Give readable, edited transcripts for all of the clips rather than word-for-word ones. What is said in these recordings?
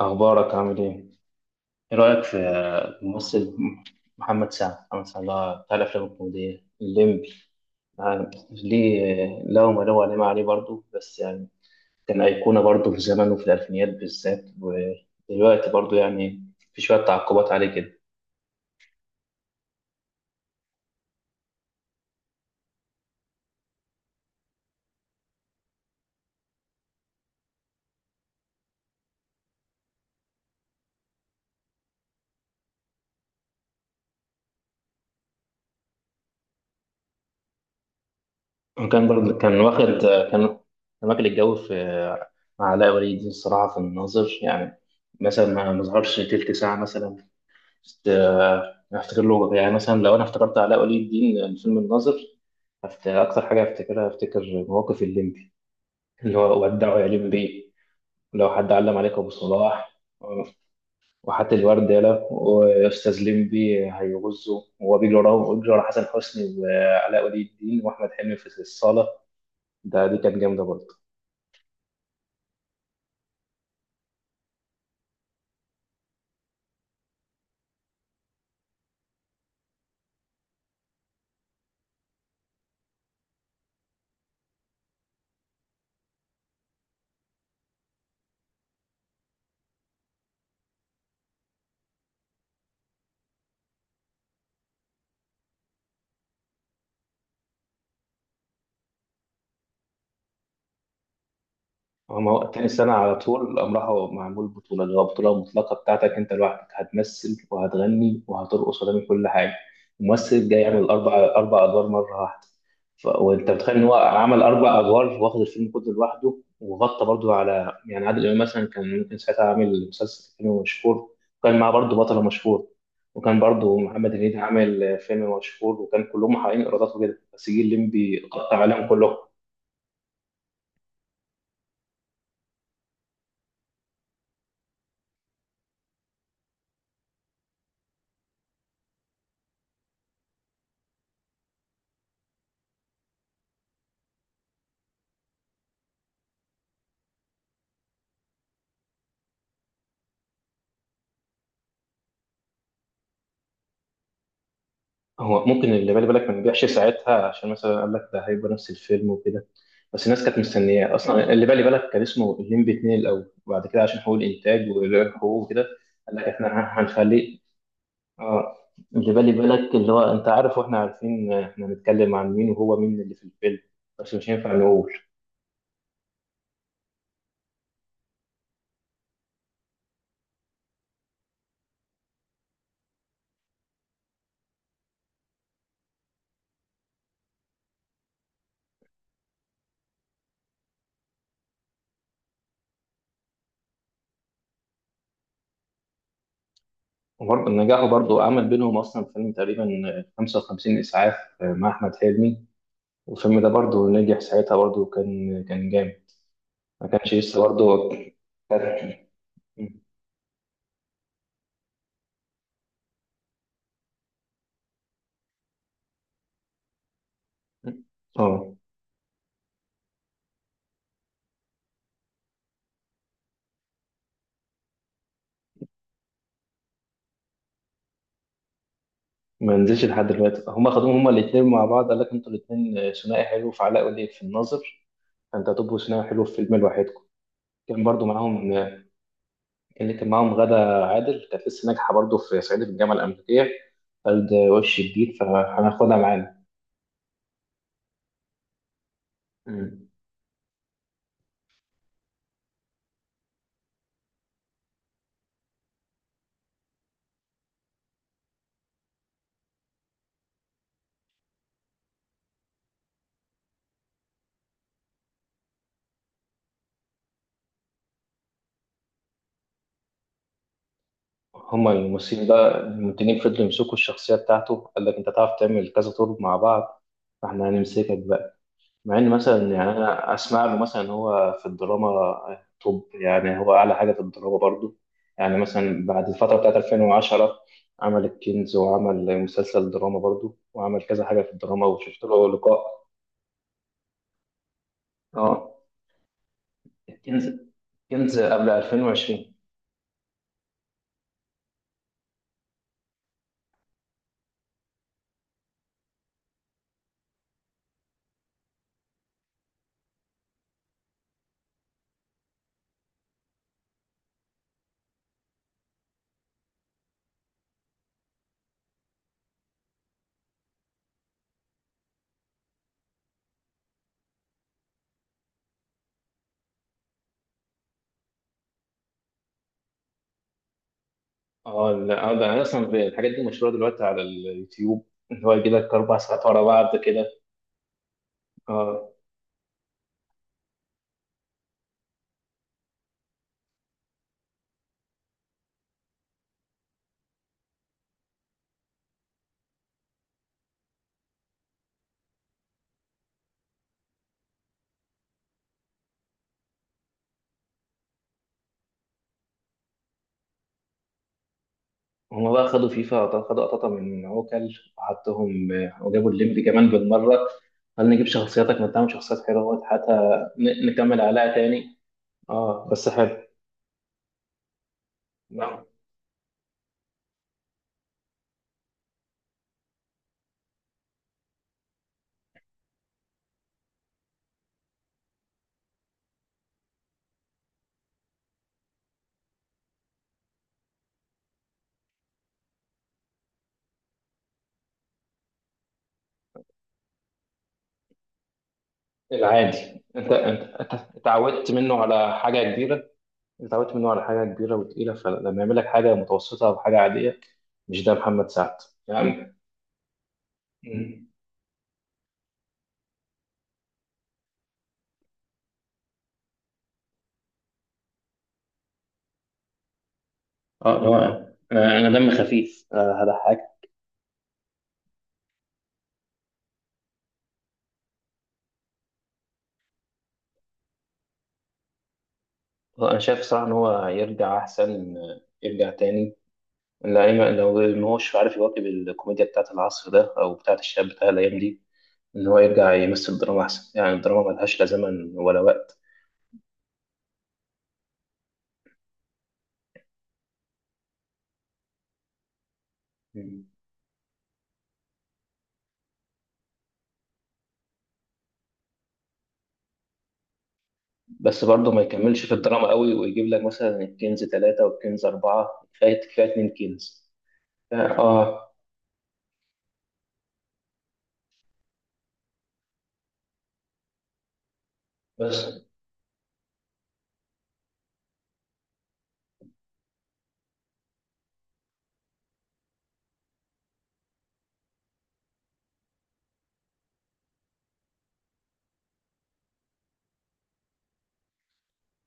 أخبارك عامل إيه؟ إيه رأيك في الممثل محمد سعد؟ محمد سعد اللي هو بتاع الأفلام الكوميدية الليمبي، يعني ليه له ما له، عليه ما عليه، برضه بس يعني كان أيقونة برضه في زمنه، في الألفينيات بالذات، ودلوقتي برضه يعني في شوية تعقبات عليه كده. وكان برضه كان واخد كان كان واكل الجو في، مع علاء ولي الدين الصراحة، في الناظر يعني. مثلا ما ظهرش تلت ساعة مثلا. است- أنا افتكر له، يعني مثلا لو انا افتكرت علاء ولي الدين فيلم الناظر، اكتر حاجة افتكرها، افتكر مواقف الليمبي اللي هو ودعوا يا ليمبي، ولو حد علم عليك ابو صلاح، وحتى الورد يالا واستاذ ليمبي هيغزه، وهو بيجري وراه، بيجري ورا حسن حسني وعلاء ولي الدين واحمد حلمي في الصالة. ده دي كانت جامده برضه. هما هو تاني سنه على طول قام راحوا معمول بطوله، اللي هو البطوله المطلقه بتاعتك، انت لوحدك هتمثل وهتغني وهترقص وهتعمل كل حاجه. الممثل جاي يعمل اربع ادوار مره واحده. وانت بتخيل ان هو عمل اربع ادوار، واخد الفيلم كله لوحده، وغطى برضه على يعني عادل امام مثلا، كان ممكن ساعتها عامل مسلسل فيلم مشهور، وكان معاه برضه بطل مشهور، وكان برضه محمد هنيدي عامل فيلم مشهور، وكان كلهم محققين ايرادات وكده، بس جه الليمبي قطع عليهم كلهم. هو ممكن اللي بالي بالك ما نبيعش ساعتها عشان مثلا قال لك ده هيبقى نفس الفيلم وكده، بس الناس كانت مستنياه اصلا. اللي بالي بالك كان اسمه الليمبي 2 الاول، وبعد كده عشان حقوق الانتاج والحقوق وكده قال لك احنا هنخليه، اه، اللي بالي بالك، اللي هو انت عارف واحنا عارفين احنا هنتكلم عن مين، وهو مين اللي في الفيلم، بس مش هينفع نقول. وبرضه نجاحه برضه عمل بينهم اصلا فيلم تقريبا 55 اسعاف مع احمد حلمي، والفيلم ده برضه نجح ساعتها، برضه كان جامد. ما كانش لسه برضه. مم. اه، ما نزلش لحد دلوقتي. هما خدوهم هما الاثنين مع بعض، قال لك انتوا الاثنين ثنائي حلو في علاء ولي في الناظر، فانت هتبقوا ثنائي حلو في فيلم لوحدكم. كان برضو معاهم. اللي كان معاهم غادة عادل، كانت لسه ناجحه برضو في صعيدي في الجامعه الامريكيه، قال ده وش جديد، فهناخدها معانا. مم. هما الممثلين ده المنتجين فضلوا يمسكوا الشخصيه بتاعته، قال لك انت تعرف تعمل كذا طول مع بعض، فاحنا هنمسكك بقى. مع ان مثلا يعني انا اسمع له مثلا إن هو في الدراما توب، يعني هو اعلى حاجه في الدراما برضو. يعني مثلا بعد الفتره بتاعت 2010 عمل الكنز وعمل مسلسل دراما برضو، وعمل كذا حاجه في الدراما، وشفت له لقاء. اه، الكنز، الكنز قبل 2020. اه، لا آه، ده أنا اصلا الحاجات دي مشهوره دلوقتي على اليوتيوب، اللي هو يجي لك اربع ساعات ورا بعض كده. اه، هم بقى خدوا فيفا، خدوا قططه من عوكل، وحطهم آه، وجابوا الليمبي كمان بالمره. هل نجيب شخصياتك؟ من تعمل شخصيات حلوة حتى نكمل عليها تاني. اه بس حلو. نعم. العادي انت انت اتعودت منه على حاجة كبيرة، اتعودت منه على حاجة كبيرة وتقيلة، فلما يعمل لك حاجة متوسطة أو حاجة عادية، مش ده محمد سعد. يعني. مم. اه، اللي هو انا، أنا دم خفيف آه، هضحك. هو انا شايف صراحه ان هو يرجع احسن آه، يرجع تاني، لأن لو ما هوش عارف يواكب الكوميديا بتاعت العصر ده او بتاعت الشباب بتاع الايام دي، إن هو يرجع يمثل دراما أحسن، يعني الدراما ملهاش لا زمن ولا وقت. مم. بس برضه ما يكملش في الدراما قوي ويجيب لك مثلا الكنز ثلاثة والكنز أربعة، كفاية كفاية اتنين كنز. ف- آه بس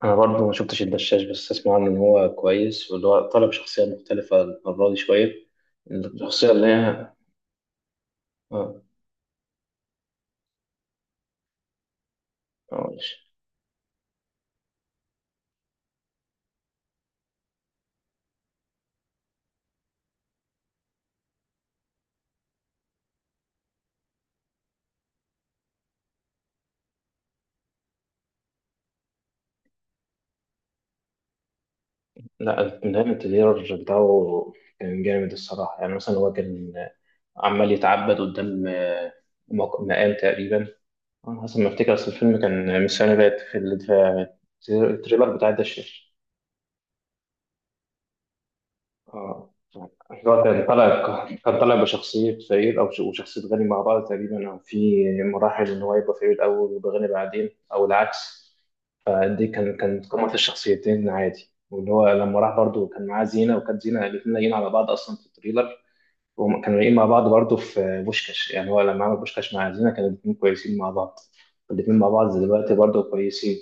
أنا برضه ما شفتش الدشاش، بس أسمع عنه إن هو كويس، واللي هو طلب شخصية مختلفة المرة دي شوية. الشخصية اللي هي آه. آه، لا النهاية التغيير بتاعه كان جامد الصراحة، يعني مثلا هو كان عمال يتعبد قدام آه، مقام تقريبا. انا حسب ما افتكر اصل الفيلم كان من السنه اللي فاتت في في التريلر بتاع الدشاش. اه، اللي هو كان طالع، كان طالع بشخصيه فقير او وشخصيه غني مع بعض تقريبا، او في مراحل ان هو يبقى فقير الاول ويبقى غني بعدين او العكس. دي كان قمة الشخصيتين عادي، واللي هو لما راح برضه كان معاه زينة، وكانت زينة الاتنين لاقيين على بعض أصلا في التريلر، وكانوا لاقيين مع بعض برضه في بوشكاش. يعني هو لما عمل بوشكاش مع زينة كانوا الاتنين كويسين مع بعض، الاتنين مع بعض دلوقتي برضه كويسين.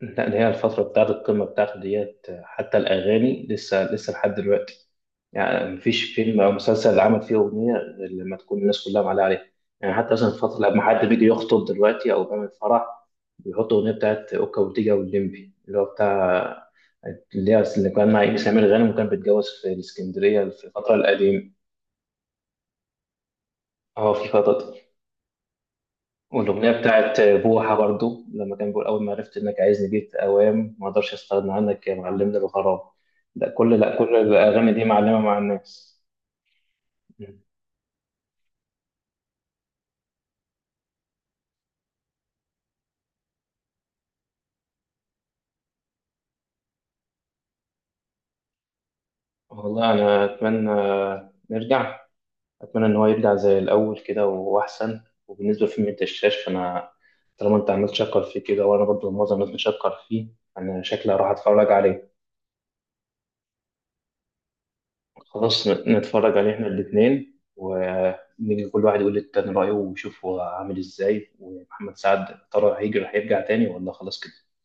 لا اللي هي الفترة بتاعت القمة بتاعته ديت حتى الأغاني لسه لسه لحد دلوقتي، يعني مفيش فيلم أو مسلسل عمل فيه أغنية غير لما تكون الناس كلها معلقة عليها. يعني حتى مثلا الفترة لما حد بيجي يخطب دلوقتي أو بيعمل فرح، بيحط أغنية بتاعت أوكا وتيجا والليمبي اللي هو بتاع، اللي هي اللي كان مع إيمي سمير غانم، وكان بيتجوز في الإسكندرية، في الفترة القديمة. أه في فترة. والأغنية بتاعت بوحة برضو لما كان بيقول أول ما عرفت إنك عايزني جيت أوام، ما أقدرش أستغنى عنك يا معلمنا الغرام. لا كل الأغاني دي معلمة مع الناس. مم. والله أنا أتمنى نرجع، أتمنى إن هو يرجع زي الأول كده وأحسن. وبالنسبة لفيلم أنت الشاش، فأنا طالما أنت عمال تشكر فيه كده، وأنا برضو معظم الناس بتشكر فيه، أنا شكلي هروح أتفرج عليه. خلاص نتفرج عليه احنا الاثنين، ونيجي كل واحد يقول للتاني رأيه، ويشوف هو عامل ازاي، ومحمد سعد يا ترى هيجي هيرجع تاني ولا خلاص كده.